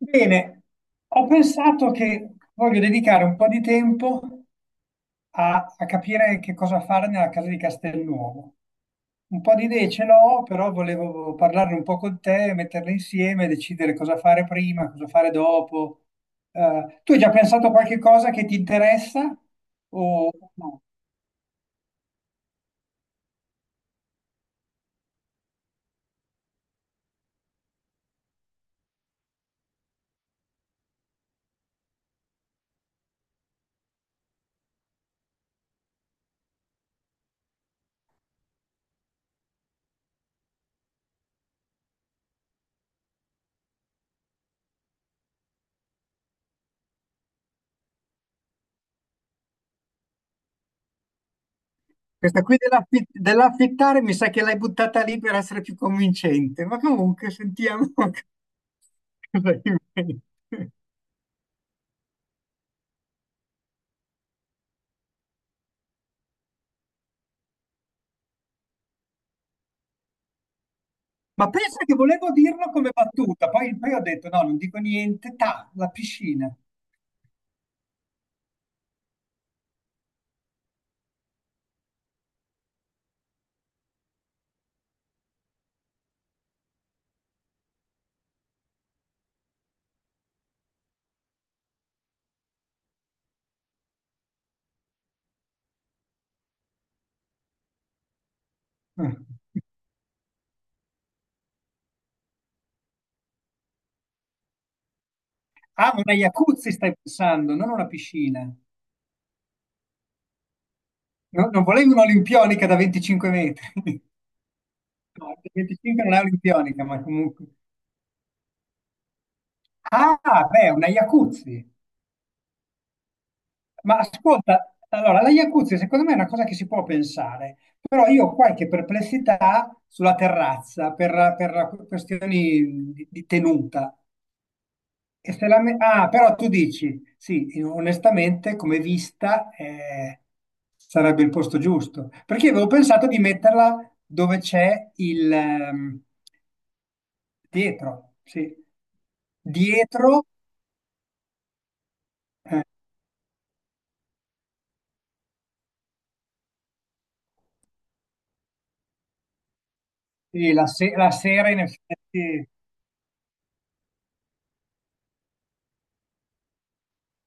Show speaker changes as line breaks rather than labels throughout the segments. Bene, ho pensato che voglio dedicare un po' di tempo a capire che cosa fare nella casa di Castelnuovo. Un po' di idee ce l'ho, però volevo parlarne un po' con te, metterle insieme, decidere cosa fare prima, cosa fare dopo. Tu hai già pensato a qualche cosa che ti interessa o no? Questa qui dell'affittare mi sa che l'hai buttata lì per essere più convincente, ma comunque sentiamo cosa inventi. Ma pensa che volevo dirlo come battuta, poi ho detto no, non dico niente, ta, la piscina. Ah, una jacuzzi stai pensando, non una piscina. No, non volevi un'olimpionica da 25 metri. No, 25 non è olimpionica, ma comunque. Ah, beh, una jacuzzi. Ma ascolta, allora, la jacuzzi secondo me è una cosa che si può pensare, però io ho qualche perplessità sulla terrazza per questioni di tenuta. E se la me- ah, però tu dici, sì, onestamente, come vista, sarebbe il posto giusto. Perché io avevo pensato di metterla dove c'è il dietro, sì. Dietro, sì, la, se- la sera, in effetti,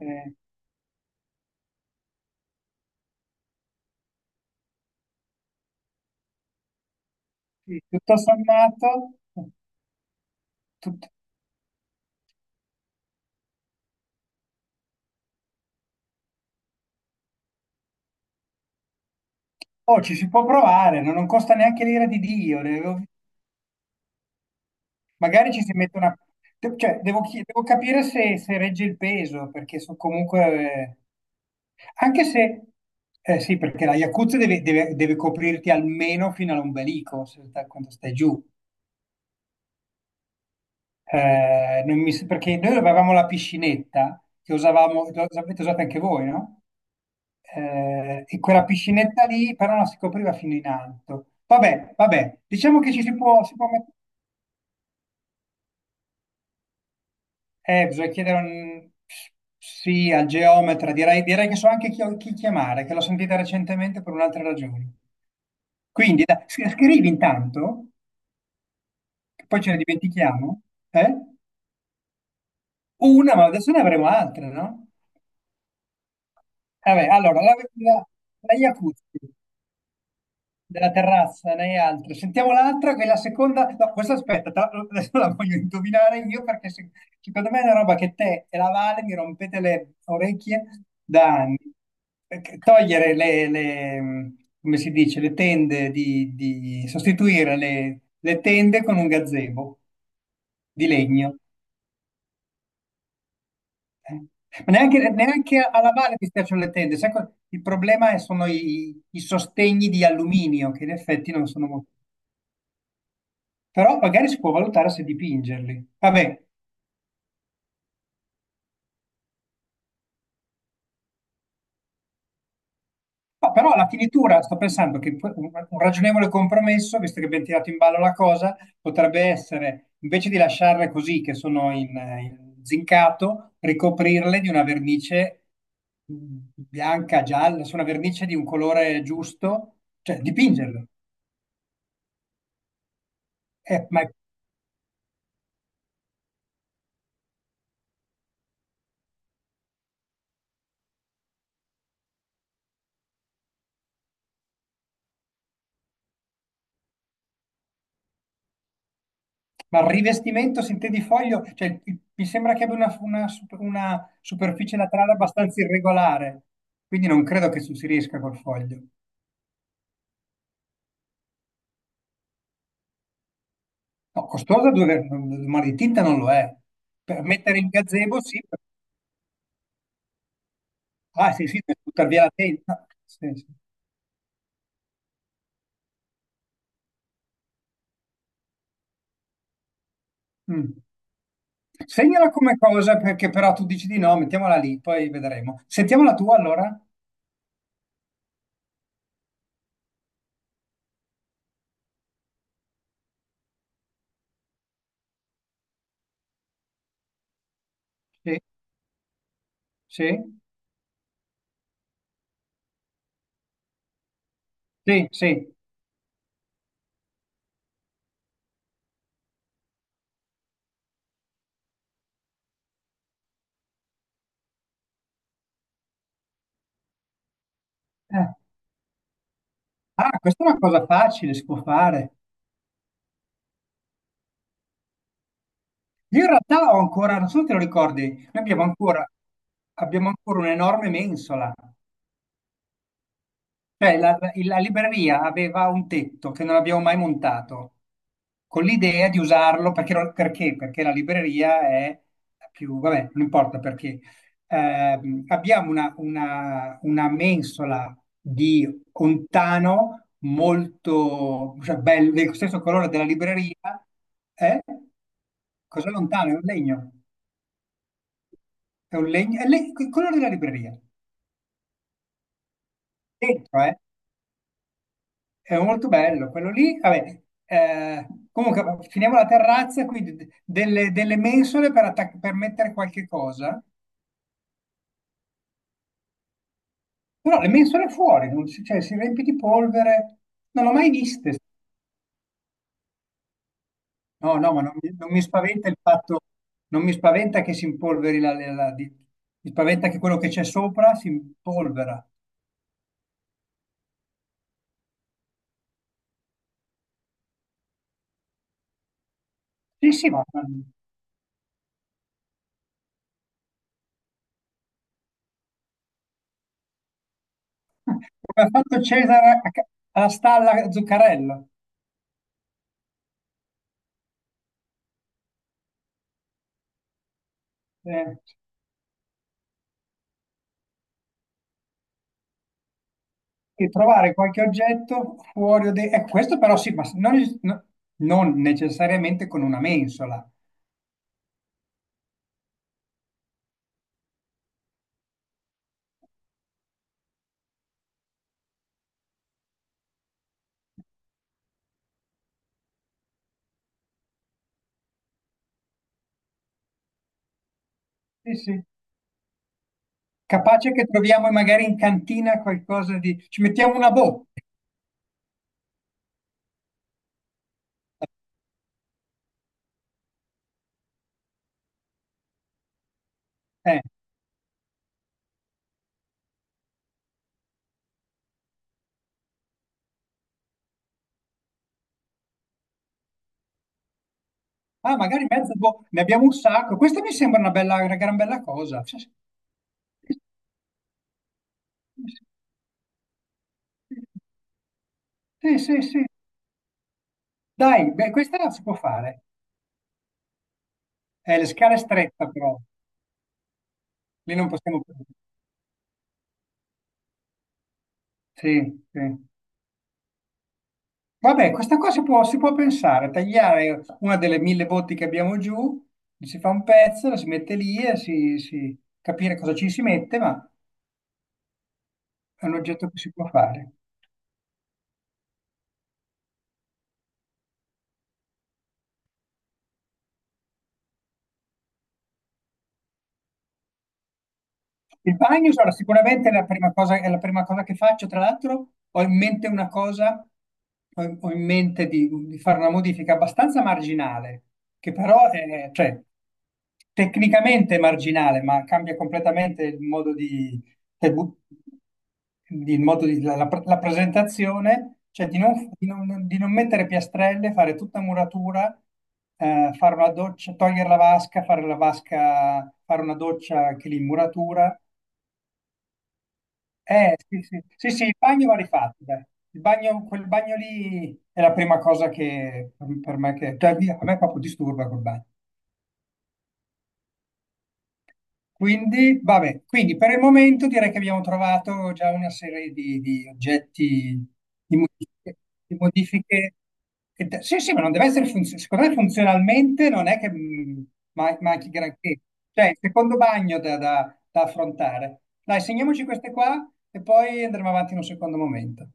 eh, sì, tutto sommato, tut- oh, ci si può provare, no? Non costa neanche l'ira di Dio. Ne avevo- magari ci si mette una... de- cioè, devo, chi- devo capire se, se regge il peso, perché so comunque... anche se, eh sì, perché la Yakuza deve, deve- deve coprirti almeno fino all'ombelico se- quando stai giù. Non mi s- perché noi avevamo la piscinetta che usavamo, l'avete usata anche voi, no? E quella piscinetta lì però non si copriva fino in alto. Vabbè, vabbè, diciamo che ci si può met- bisogna chiedere un- sì al geometra, direi, direi che so anche chi, chi chiamare, che l'ho sentita recentemente per un'altra ragione. Quindi, dai, scrivi intanto. Poi ce ne dimentichiamo, eh? Una, ma adesso ne avremo altre, no? Vabbè, allora, la Jacuzzi, della terrazza, ne hai altre. Sentiamo l'altra, che è la seconda... No, questa aspetta, tra l'altro adesso la voglio indovinare io perché se- secondo me è una roba che te e la Vale mi rompete le orecchie da anni. Perché togliere come si dice, le tende di- sostituire le tende con un gazebo di legno. Ma neanche, neanche a lavare mi piacciono le tende. Sai co- il problema è- sono i, i sostegni di alluminio, che in effetti non sono molto. Però magari si può valutare se dipingerli. Vabbè, no, però la finitura, sto pensando che pu- un ragionevole compromesso, visto che abbiamo tirato in ballo la cosa, potrebbe essere, invece di lasciarle così, che sono in, in zincato, ricoprirle di una vernice bianca, gialla, su una vernice di un colore giusto, cioè dipingerlo. Eh, ma Ma il rivestimento, se intendi foglio, cioè, il- mi sembra che abbia una super- una superficie laterale abbastanza irregolare, quindi non credo che si riesca col foglio. No, costosa due ma di tinta non lo è. Per mettere il gazebo, sì, per- ah sì, sì, per buttare via la tenda. Sì, sì. Mm. Segnala come cosa, perché però tu dici di no, mettiamola lì, poi vedremo. Sentiamo la tua allora? Sì, sì, sì, sì. Eh. Ah, questa è una cosa facile, si può fare. Io in realtà ho ancora, non so se te lo ricordi, abbiamo ancora un'enorme mensola, cioè la, la libreria aveva un tetto che non abbiamo mai montato, con l'idea di usarlo perché, non- perché? Perché la libreria è più, vabbè, non importa perché. Abbiamo una mensola di ontano molto, cioè, bello, del stesso colore della libreria, eh? Cos'è lontano? È un legno. È un legno, è le- quello della libreria, dentro, eh? È molto bello, quello lì, vabbè, comunque va- finiamo la terrazza, quindi de- delle mensole per, attac- per mettere qualche cosa, però le mensole fuori, non si, cioè, si riempie di polvere, non l'ho mai viste, no, no, ma non, mi non mi spaventa il fatto, non mi spaventa che si impolveri la, la- la- di- mi spaventa che quello che c'è sopra si impolvera, sì, sì, ma come ha fatto Cesare a ca- alla stalla Zuccarello, eh. E trovare qualche oggetto fuori o dentro. Questo però sì, ma non, il- no- non necessariamente con una mensola. Sì, sì. Capace che troviamo magari in cantina qualcosa di... Ci mettiamo una botte. Eh. Ah, magari mezza botte. Ne abbiamo un sacco. Questa mi sembra una bella, una gran bella cosa. Sì, sì, sì. Sì. Dai, beh, questa la si può fare. Le scale strette però. Lì non possiamo... Sì, sì. Vabbè, questa cosa si può pensare, tagliare una delle mille botti che abbiamo giù, si fa un pezzo, la si mette lì e si- capire cosa ci si mette, ma è un oggetto che si può fare. Il bagno, allora, sicuramente è la prima cosa, è la prima cosa che faccio. Tra l'altro, ho in mente una cosa, ho in mente di fare una modifica abbastanza marginale, che però è, cioè, tecnicamente è marginale, ma cambia completamente il modo di, del bu- di- il modo di- la, la- la presentazione, cioè di non, di non- di non mettere piastrelle, fare tutta muratura, fare una doccia, togliere la vasca, fare una doccia che l'immuratura sì, sì, sì, sì, il bagno va rifatto, dai. Il bagno, quel bagno lì è la prima cosa che per me, che, cioè, via, a me proprio disturba quel bagno. Quindi, vabbè, quindi per il momento direi che abbiamo trovato già una serie di oggetti, di modifiche, di modifiche che de- sì, sì, ma non deve essere funzionale. Secondo me funzionalmente non è che ma- manchi granché. Cioè, il secondo bagno da, da da affrontare. Dai, segniamoci queste qua e poi andremo avanti in un secondo momento.